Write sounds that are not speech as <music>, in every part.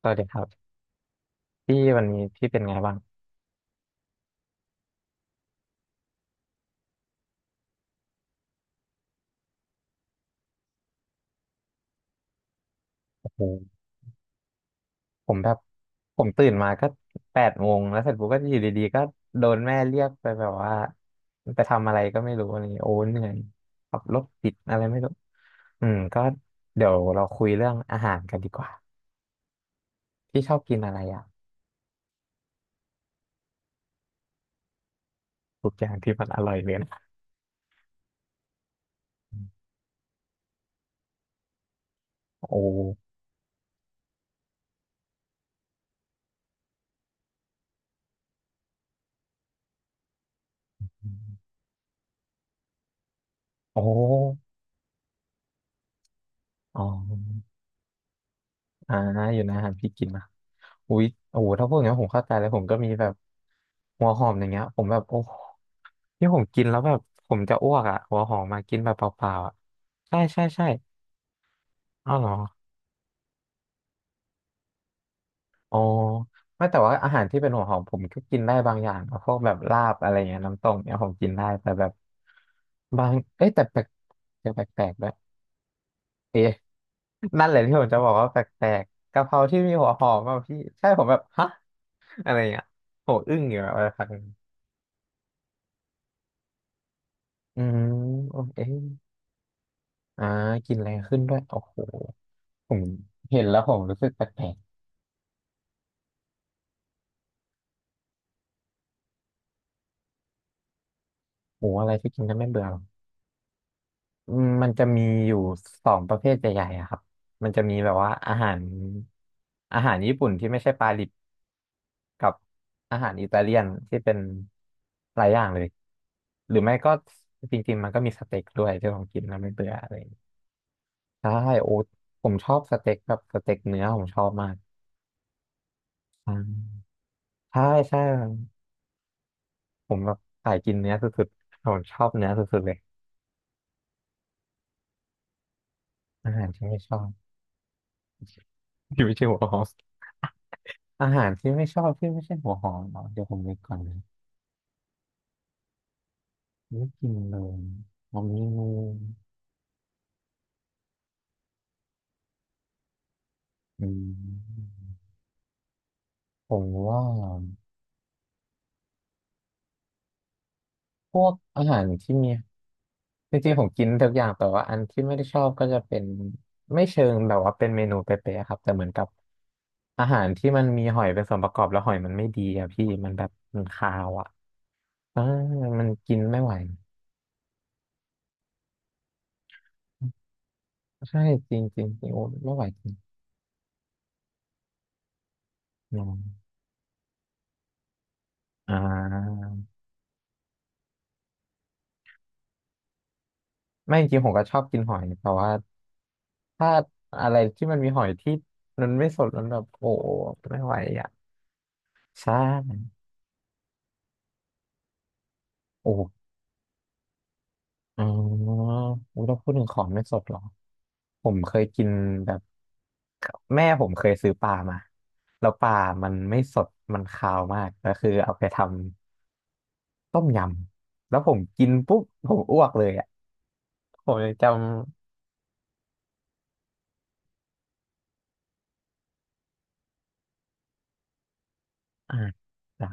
สวัสดีครับพี่วันนี้พี่เป็นไงบ้างโอ้โหผมแบบผมตื่นมาก็แปดโมงแล้วเสร็จปุ๊บก็อยู่ดีๆก็โดนแม่เรียกไปแบบว่าไปทำอะไรก็ไม่รู้อะไรอย่างเงี้ยโอ้เหนื่อยขับรถติดอะไรไม่รู้อืมก็เดี๋ยวเราคุยเรื่องอาหารกันดีกว่าพี่ชอบกินอะไรอ่ะทุกอย่างที่มันอร่อยเลยนะโอ้โอ้อ๋อ อ่าอยู่นะอาหารพี่กินนะอุ๊ยโอ้โหถ้าพูดอย่างนี้นผมเข้าใจเลยผมก็มีแบบหัวหอมอย่างเงี้ยผมแบบโอ้ที่ผมกินแล้วแบบผมจะอ้วกอ่ะหัวหอมมากินแบบเปล่าๆอ่ะใช่ใช่ใช่อ้าวเหรออ๋อไม่แต่ว่าอาหารที่เป็นหัวหอมผมก็กินได้บางอย่างนะพวกแบบลาบอะไรเงี้ยน้ำต้มเนี่ยผมกินได้แต่แบบบางเอ้ยแต่แปลกจะแปลกๆด้วยเอ๊ะนั่นแหละที่ผมจะบอกว่าแปลกๆกะเพราที่มีหัวหอมอ่ะพี่ใช่ผมแบบฮะอะไรเงี้ยโหอึ้งอยู่แบบ อืมโอเคอ่ากินแรงขึ้นด้วยโอ้โหผมเห็นแล้วผมรู้สึกแปลกๆหมูอะไรที่กินแล้วไม่เบื่อหรออืมมันจะมีอยู่สองประเภทใหญ่ๆอะครับมันจะมีแบบว่าอาหารญี่ปุ่นที่ไม่ใช่ปลาดิบกับอาหารอิตาเลียนที่เป็นหลายอย่างเลยหรือไม่ก็จริงๆมันก็มีสเต็กด้วยที่ผมกินแล้วไม่เบื่ออะไรอย่างเงี้ยใช่โอ้ผมชอบสเต็กแบบสเต็กเนื้อผมชอบมากอ่าใช่ใช่ ผมแบบสายกินเนื้อสุดๆผมชอบเนื้อสุดๆเลย อาหารที่ไม่ชอบที่ไม่ใช่หัวหอมอาหารที่ไม่ชอบที่ไม่ใช่หัวหอมเหรอเดี๋ยวผมนึกก่อนนะไม่กินเลยผมมีงูอืมผมว่าพวกอาหารที่มีจริงๆผมกินทุกอย่างแต่ว่าอันที่ไม่ได้ชอบก็จะเป็นไม่เชิงแบบว่าเป็นเมนูเป๊ะๆครับแต่เหมือนกับอาหารที่มันมีหอยเป็นส่วนประกอบแล้วหอยมันไม่ดีอะพี่มันแบบมันคาวอะอ่ามันกินไม่ไหว ใช่จริงจริงจริงโอ้ไม่ไหวจริงนอนอ่าไม่จริงผมก็ชอบกินหอยแต่ว่าถ้าอะไรที่มันมีหอยที่มันไม่สดมันแบบโอ้ไม่ไหวอ่ะใช่โอ้อ๋ออุ๊ยเราพูดถึงของไม่สดเหรอผมเคยกินแบบแม่ผมเคยซื้อปลามาแล้วปลามันไม่สดมันคาวมากก็คือเอาไปทำต้มยำแล้วผมกินปุ๊บผมอ้วกเลยอ่ะผมยังจำ อ่าจ้ะ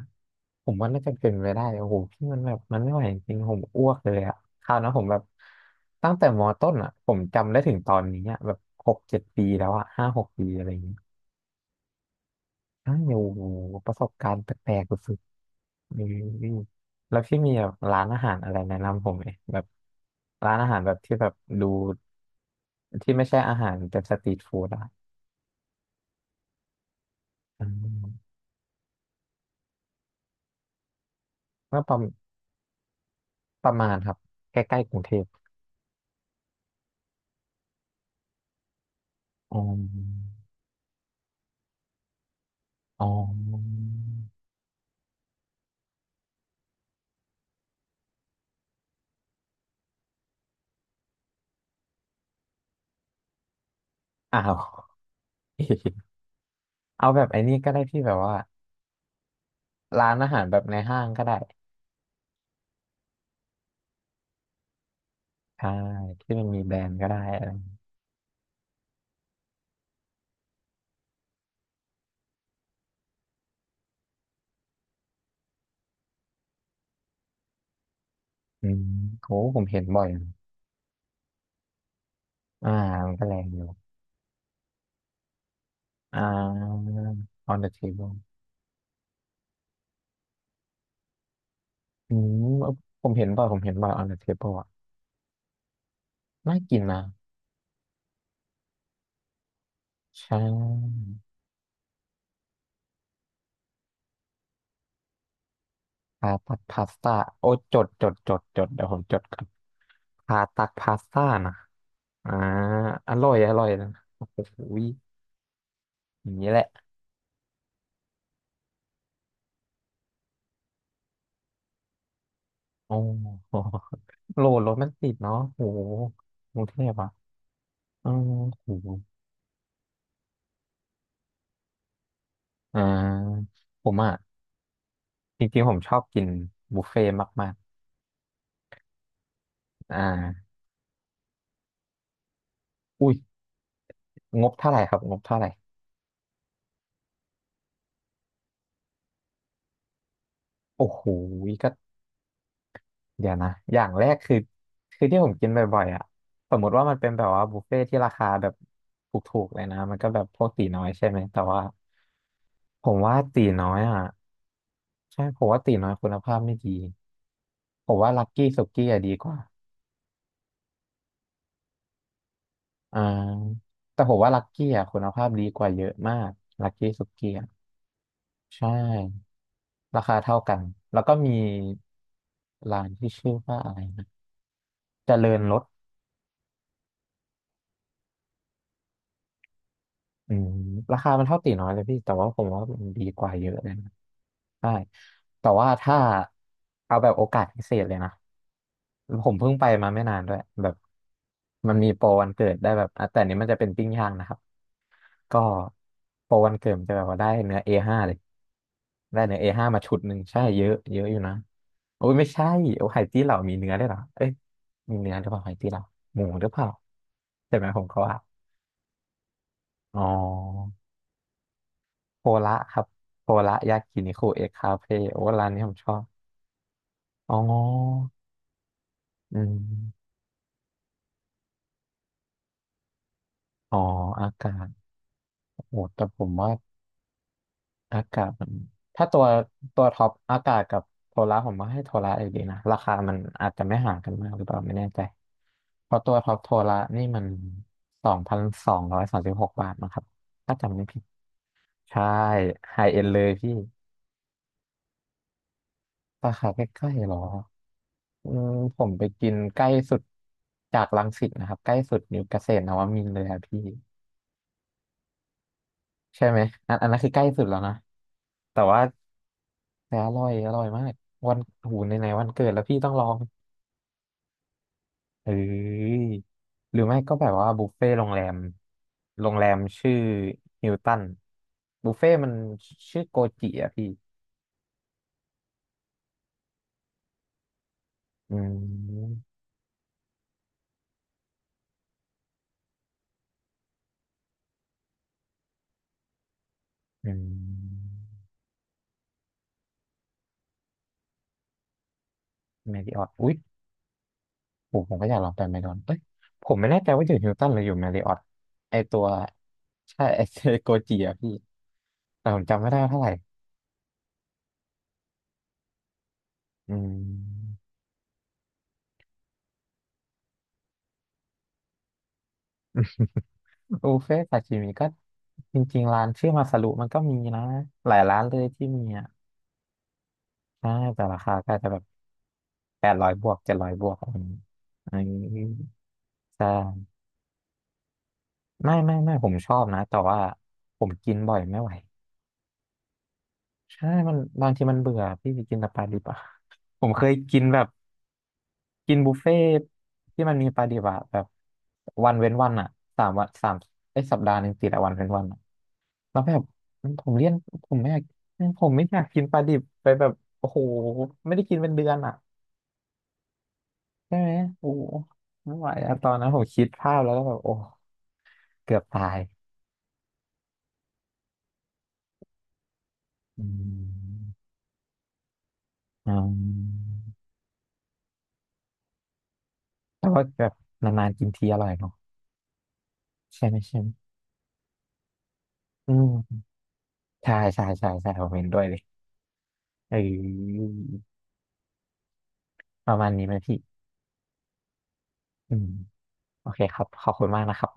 ผมว่าน่าจะเป็นไปได้โอ้โหพี่มันแบบมันไม่ไหวจริงๆผมอ้วกเลยอะคราวนั้นผมแบบตั้งแต่มต้นอะผมจำได้ถึงตอนนี้อะแบบหกเจ็ดปีแล้วอะห้าหกปีอะไรอย่างเงี้ยอ้าวโอ้โหประสบการณ์แปลกๆสุดๆนี่แล้วพี่มีแบบร้านอาหารอะไรแนะนำผมไหมแบบร้านอาหารแบบที่แบบดูที่ไม่ใช่อาหารแบบสตรีทฟู้ดอะอืมก็ประมาณครับใกล้ๆกรุงเทพอ๋อ อ๋ออ้าว <laughs> เอาแบบไอ้นี่ก็ได้ที่แบบว่าร้านอาหารแบบในห้างก็ได้ใช่ที่มันมีแบรนด์ก็ได้อะไรอืมโหผมเห็นบ่อยนะอ่ามันก็แรงอยู่อ่า on the table อืมอผมเห็นบ่อยผมเห็นบ่อย on the table อ่ะน่ากินนะใช่พาตักพาสต้าโอ้จดจดจดจดเดี๋ยวผมจดก่อนพาตักพาสต้านะอ่าอร่อยอร่อยนะโอ้โหอย่างนี้แหละ โอ้โห <laughs> โหลดรถมันติดเนาะโหกรุงเทพอ่ะอืมโหอ่าผมอ่ะจริงๆผมชอบกินบุฟเฟ่ต์มากๆอ่าอุ้ยงบเท่าไหร่ครับงบเท่าไหร่โอ้โห เดี๋ยวนะ อย่างแรกคือ คือที่ผมกินบ่อยๆอ่ะสมมติว่ามันเป็นแบบว่าบุฟเฟ่ที่ราคาแบบถูกๆเลยนะ มันก็แบบพวกตีน้อยใช่ไหม แต่ว่าผมว่าตีน้อยอ่ะใช่ ผมว่าตีน้อยคุณภาพไม่ดี ผมว่าลักกี้สุกี้อะดีกว่าอ่า แต่ผมว่าลักกี้อะคุณภาพดีกว่าเยอะมากลักกี้สุกี้อะใช่ ราคาเท่ากัน แล้วก็มีร้านที่ชื่อว่าอะไรนะเจริญรส อืมราคามันเท่าตีน้อยเลยพี่แต่ว่าผมว่ามันดีกว่าเยอะเลยนะใช่แต่ว่าถ้าเอาแบบโอกาสพิเศษเลยนะผมเพิ่งไปมาไม่นานด้วยแบบมันมีโปรวันเกิดได้แบบอ่ะแต่อันนี้มันจะเป็นปิ้งย่างนะครับก็โปรวันเกิดมันจะแบบว่าได้เนื้อเอห้าเลยได้เนื้อ A5 มาชุดหนึ่งใช่เยอะเยอะอยู่นะโอ้ยไม่ใช่โอ้ไห่ตี้เหล่ามีเนื้อได้วยเหรอเอ้ยมีเนื้อหรือเปล่าไห่ตี้เหล่าหมูหรือเปล่าใช่ไหมผมเขาว่าอ๋อ โพละครับโพละยากินิคุเอ็กคาเฟ่โอ้ร้านนี้ผมชอบ อ๋ออืมอ๋ออากาศโอ้แต่ผมว่าอากาศมัน ถ้าตัวตัวท็อปอากาศกับโทละผมว่าให้โทละอยู่ดีนะ ราคามันอาจจะไม่ห่างกันมากหรือเปล่าไม่แน่ใจเพราะตัวท็อปโทละนี่มัน2,236 บาทนะครับ ถ้าจำไม่ผิด ใช่ไฮเอ็นเลยพี่ สาขาใกล้ๆเหรออืมผมไปกินใกล้สุดจากรังสิตนะครับใกล้สุดอยู่เกษตรนวมินทร์เลยครับพี่ใช่ไหมอันอันนั้นคือใกล้สุดแล้วนะแต่ว่าแต่อร่อยอร่อยมากวันหูไหนๆวันเกิดแล้วพี่ต้องลองเอ้ยหรือไม่ก็แบบว่าบุฟเฟ่ต์โรงแรมโรงแรมชื่อฮิลตันบุฟเฟ่ต์มันชื่อโกจิอะพี่อืมอืมแมริออตอุ้ย ผมผมก็อยากลองไปไมดอนเอ้ยผมไม่แน่ใจว่าอยู่ฮิลตันหรืออยู่แมริออตไอตัวใช่ <laughs> ไอโกจิอะพี่ แต่ผมจำไม่ได้ว่าเท่าไหร่อืมบุฟเฟ่ต์ซาชิมิก็จริงๆร้านชื่อมาซารุมันก็มีนะหลายร้านเลยที่มีอ่ะใช่แต่ราคาก็จะแบบแปดร้อยบวกเจ็ดร้อยบวกอะไรอย่างนี้อืมใช่ไม่ไม่ไม่ผมชอบนะ แต่ว่าผมกินบ่อยไม่ไหว ใช่มันบางทีมันเบื่อพี่ไปกินสปาดิบอ่ะ <laughs> ผมเคยกินแบบ กินบุฟเฟ่ต์ที่มันมีปลาดิบอะแบบวันเว้นวันอะสามวันสามไอ้ยสัปดาห์หนึ่งติดอะวันเว้นวันอะแล้วแบบผมเลี่ยนผมไม่อยากผมไม่อยากกินปลาดิบไปแบบโอ้โหไม่ได้กินเป็นเดือนอะใช่ไหมโอ้โหไม่ไหวอะตอนนั้นผมคิดภาพแล้วก็แบบโอ้เกือบตายอืมอืมแต่ว่าแบบนานๆกินทีอร่อยเนาะใช่ไหมใช่ไหมอืมใช่ใช่ใช่ใช่ผมเห็นด้วยเลยเออประมาณนี้ไหมพี่อืม โอเคครับขอบคุณมากนะครับ